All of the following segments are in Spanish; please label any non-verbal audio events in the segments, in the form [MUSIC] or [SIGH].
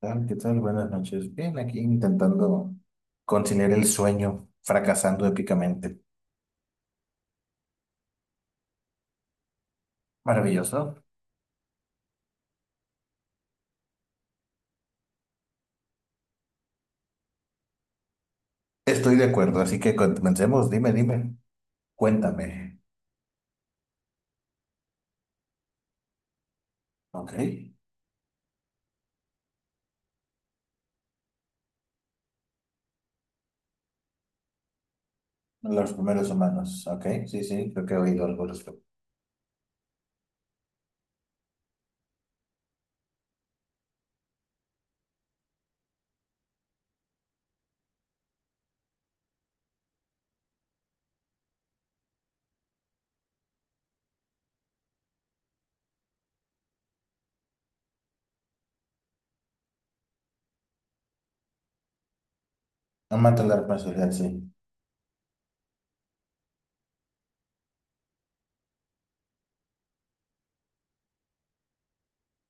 Tal? ¿Qué tal? Buenas noches. Bien, aquí intentando conciliar el sueño, fracasando épicamente. Maravilloso. Estoy de acuerdo, así que comencemos. Dime, dime. Cuéntame. Ok. Los primeros humanos. Ok. Sí, sí, creo que he oído algo al respecto. No mata la responsabilidad, sí.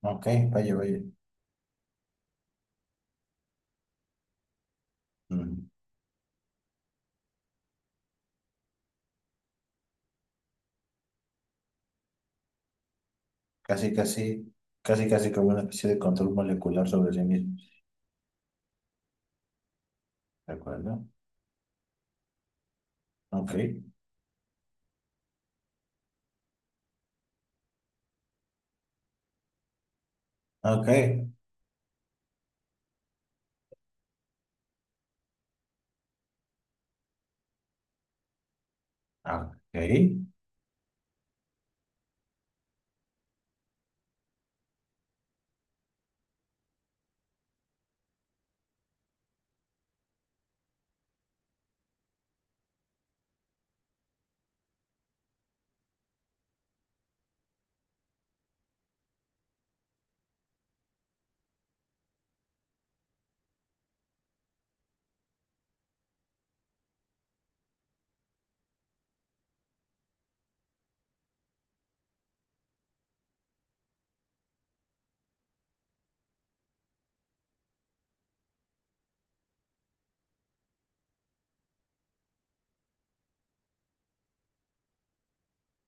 Ok, vaya, vaya. Mm. Casi, casi, casi, casi como una especie de control molecular sobre sí mismos. ¿De acuerdo? Ok. Ok. Ah, ok.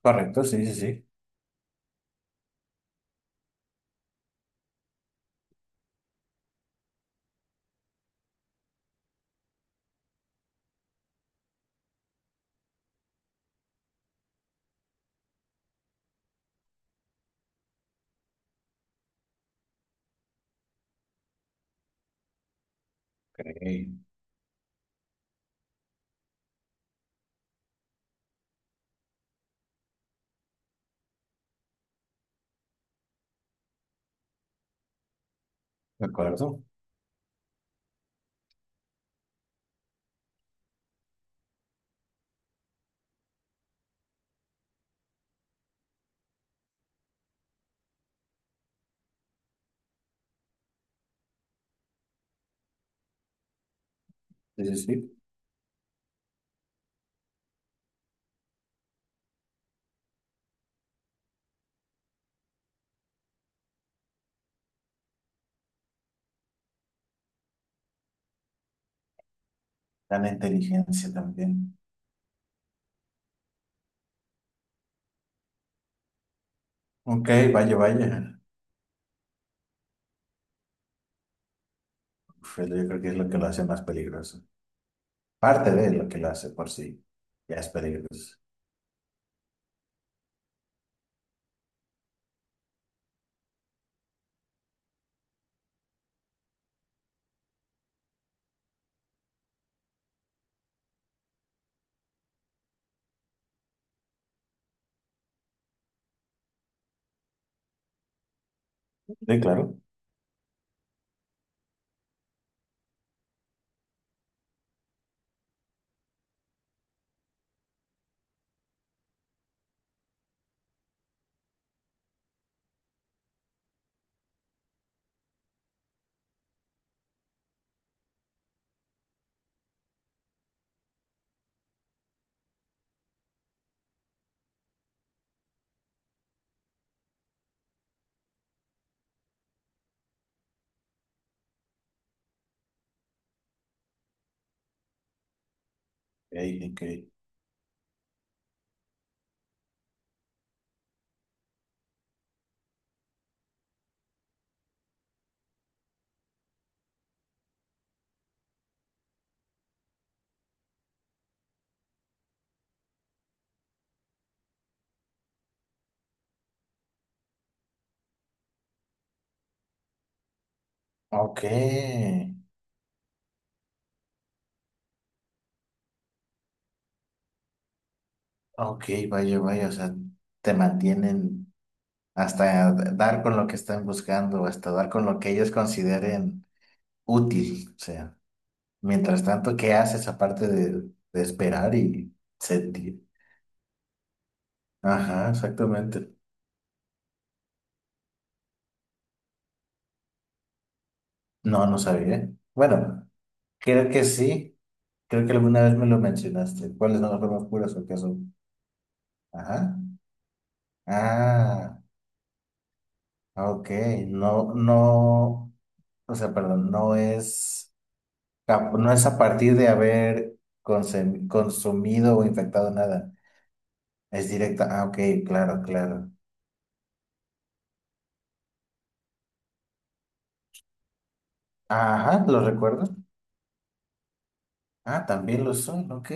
Correcto, sí, sí, sí. Ok. De acuerdo. Sí, sí, sí. Gran inteligencia también. Ok, vaya, vaya. Uf, yo creo que es lo que lo hace más peligroso. Parte de lo que lo hace por sí. Ya es peligroso. Sí, claro. Ok, ok. Ok, ok, vaya, vaya. O sea, te mantienen hasta dar con lo que están buscando o hasta dar con lo que ellos consideren útil. O sea, mientras tanto, ¿qué haces aparte de, esperar y sentir? Ajá, exactamente. No, no sabía. Bueno, creo que sí. Creo que alguna vez me lo mencionaste. ¿Cuáles son las formas puras o qué son? Ajá. Ah, ok. No, no, o sea, perdón, no es a partir de haber consumido o infectado nada. Es directa. Ah, ok, claro, claro. Ajá, ¿lo recuerdo? Ah, también lo son, ok.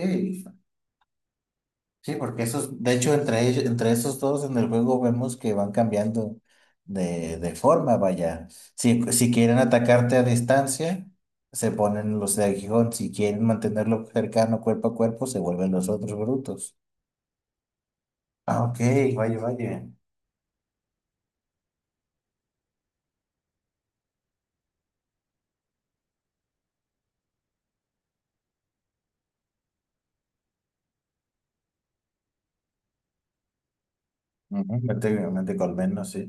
Sí, porque esos, de hecho, entre ellos, entre esos dos en el juego vemos que van cambiando de, forma, vaya. si quieren atacarte a distancia, se ponen los de aguijón. Si quieren mantenerlo cercano cuerpo a cuerpo, se vuelven los otros brutos. Ah, ok, vaya, vaya. Ujú, prácticamente colmeno, sí.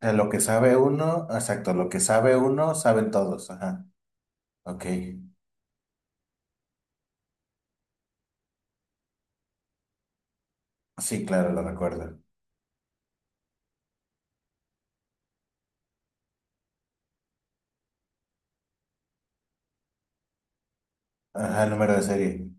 O sea, lo que sabe uno, exacto, lo que sabe uno, saben todos, ajá. Ok. Sí, claro, lo recuerdo. Ajá, el número de serie.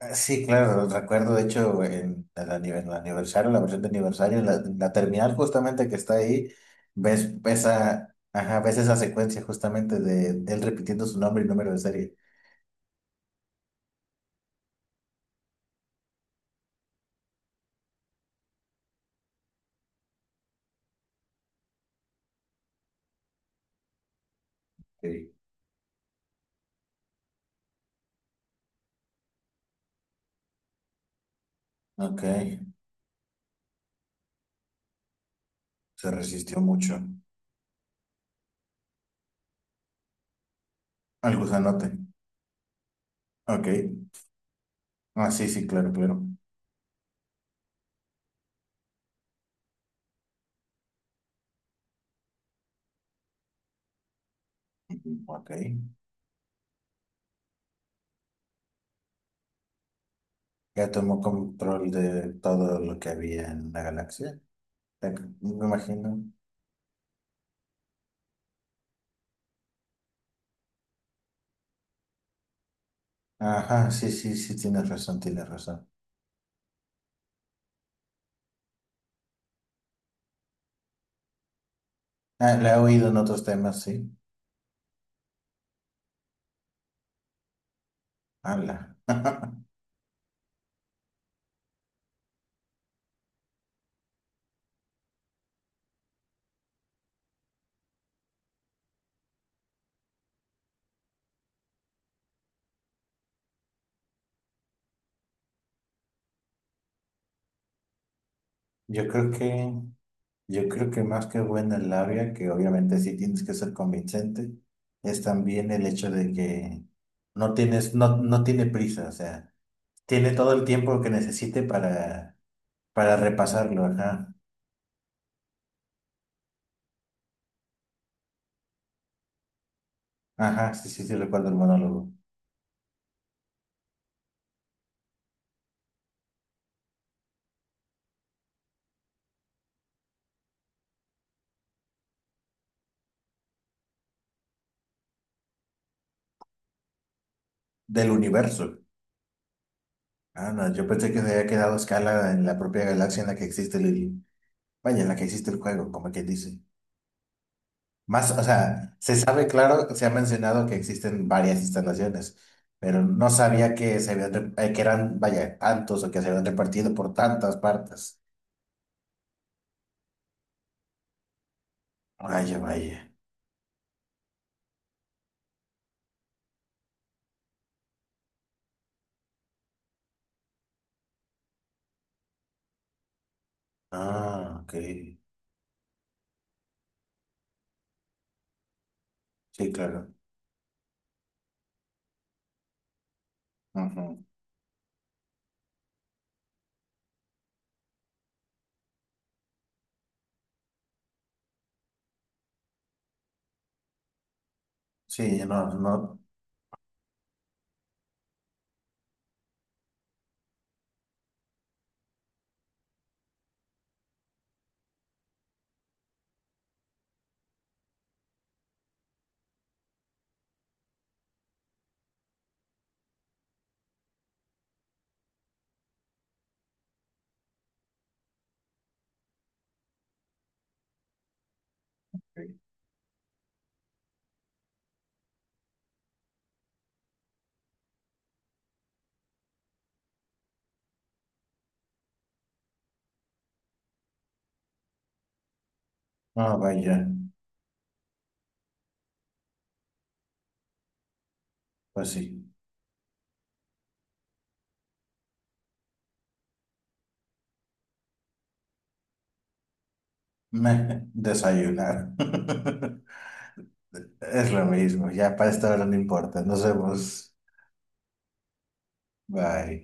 Ah, sí, claro, recuerdo, de hecho, en el aniversario, la versión de aniversario, la terminal justamente que está ahí, ves esa, ajá, ves esa secuencia justamente de él repitiendo su nombre y número de serie. Sí. Ok, se resistió mucho al gusanote. Ok, ah, sí, sí, claro, claro. Ok, ya tomó control de todo lo que había en la galaxia. Me imagino. Ajá, sí, sí, sí, tienes razón, tienes razón. Ah, la he oído en otros temas, sí. Ala. [LAUGHS] Yo creo que, yo creo que más que buena labia, que obviamente sí tienes que ser convincente, es también el hecho de que no tienes, no, no tiene prisa, o sea, tiene todo el tiempo que necesite para repasarlo, ajá. Ajá, sí, sí, sí, recuerdo el monólogo. Del universo. Ah, no, yo pensé que se había quedado a escala en la propia galaxia en la que existe el, vaya, en la que existe el juego, como quien dice. Más, o sea, se sabe claro, se ha mencionado que existen varias instalaciones, pero no sabía que se habían, que eran, vaya, tantos o que se habían repartido por tantas partes. Vaya, vaya. Ah, ok. Sí, claro. Ujú. Sí, no, no. Ah, vaya. Pues sí. Me desayunar. [LAUGHS] Es lo mismo. Ya para esta hora no importa. Nos vemos. Bye.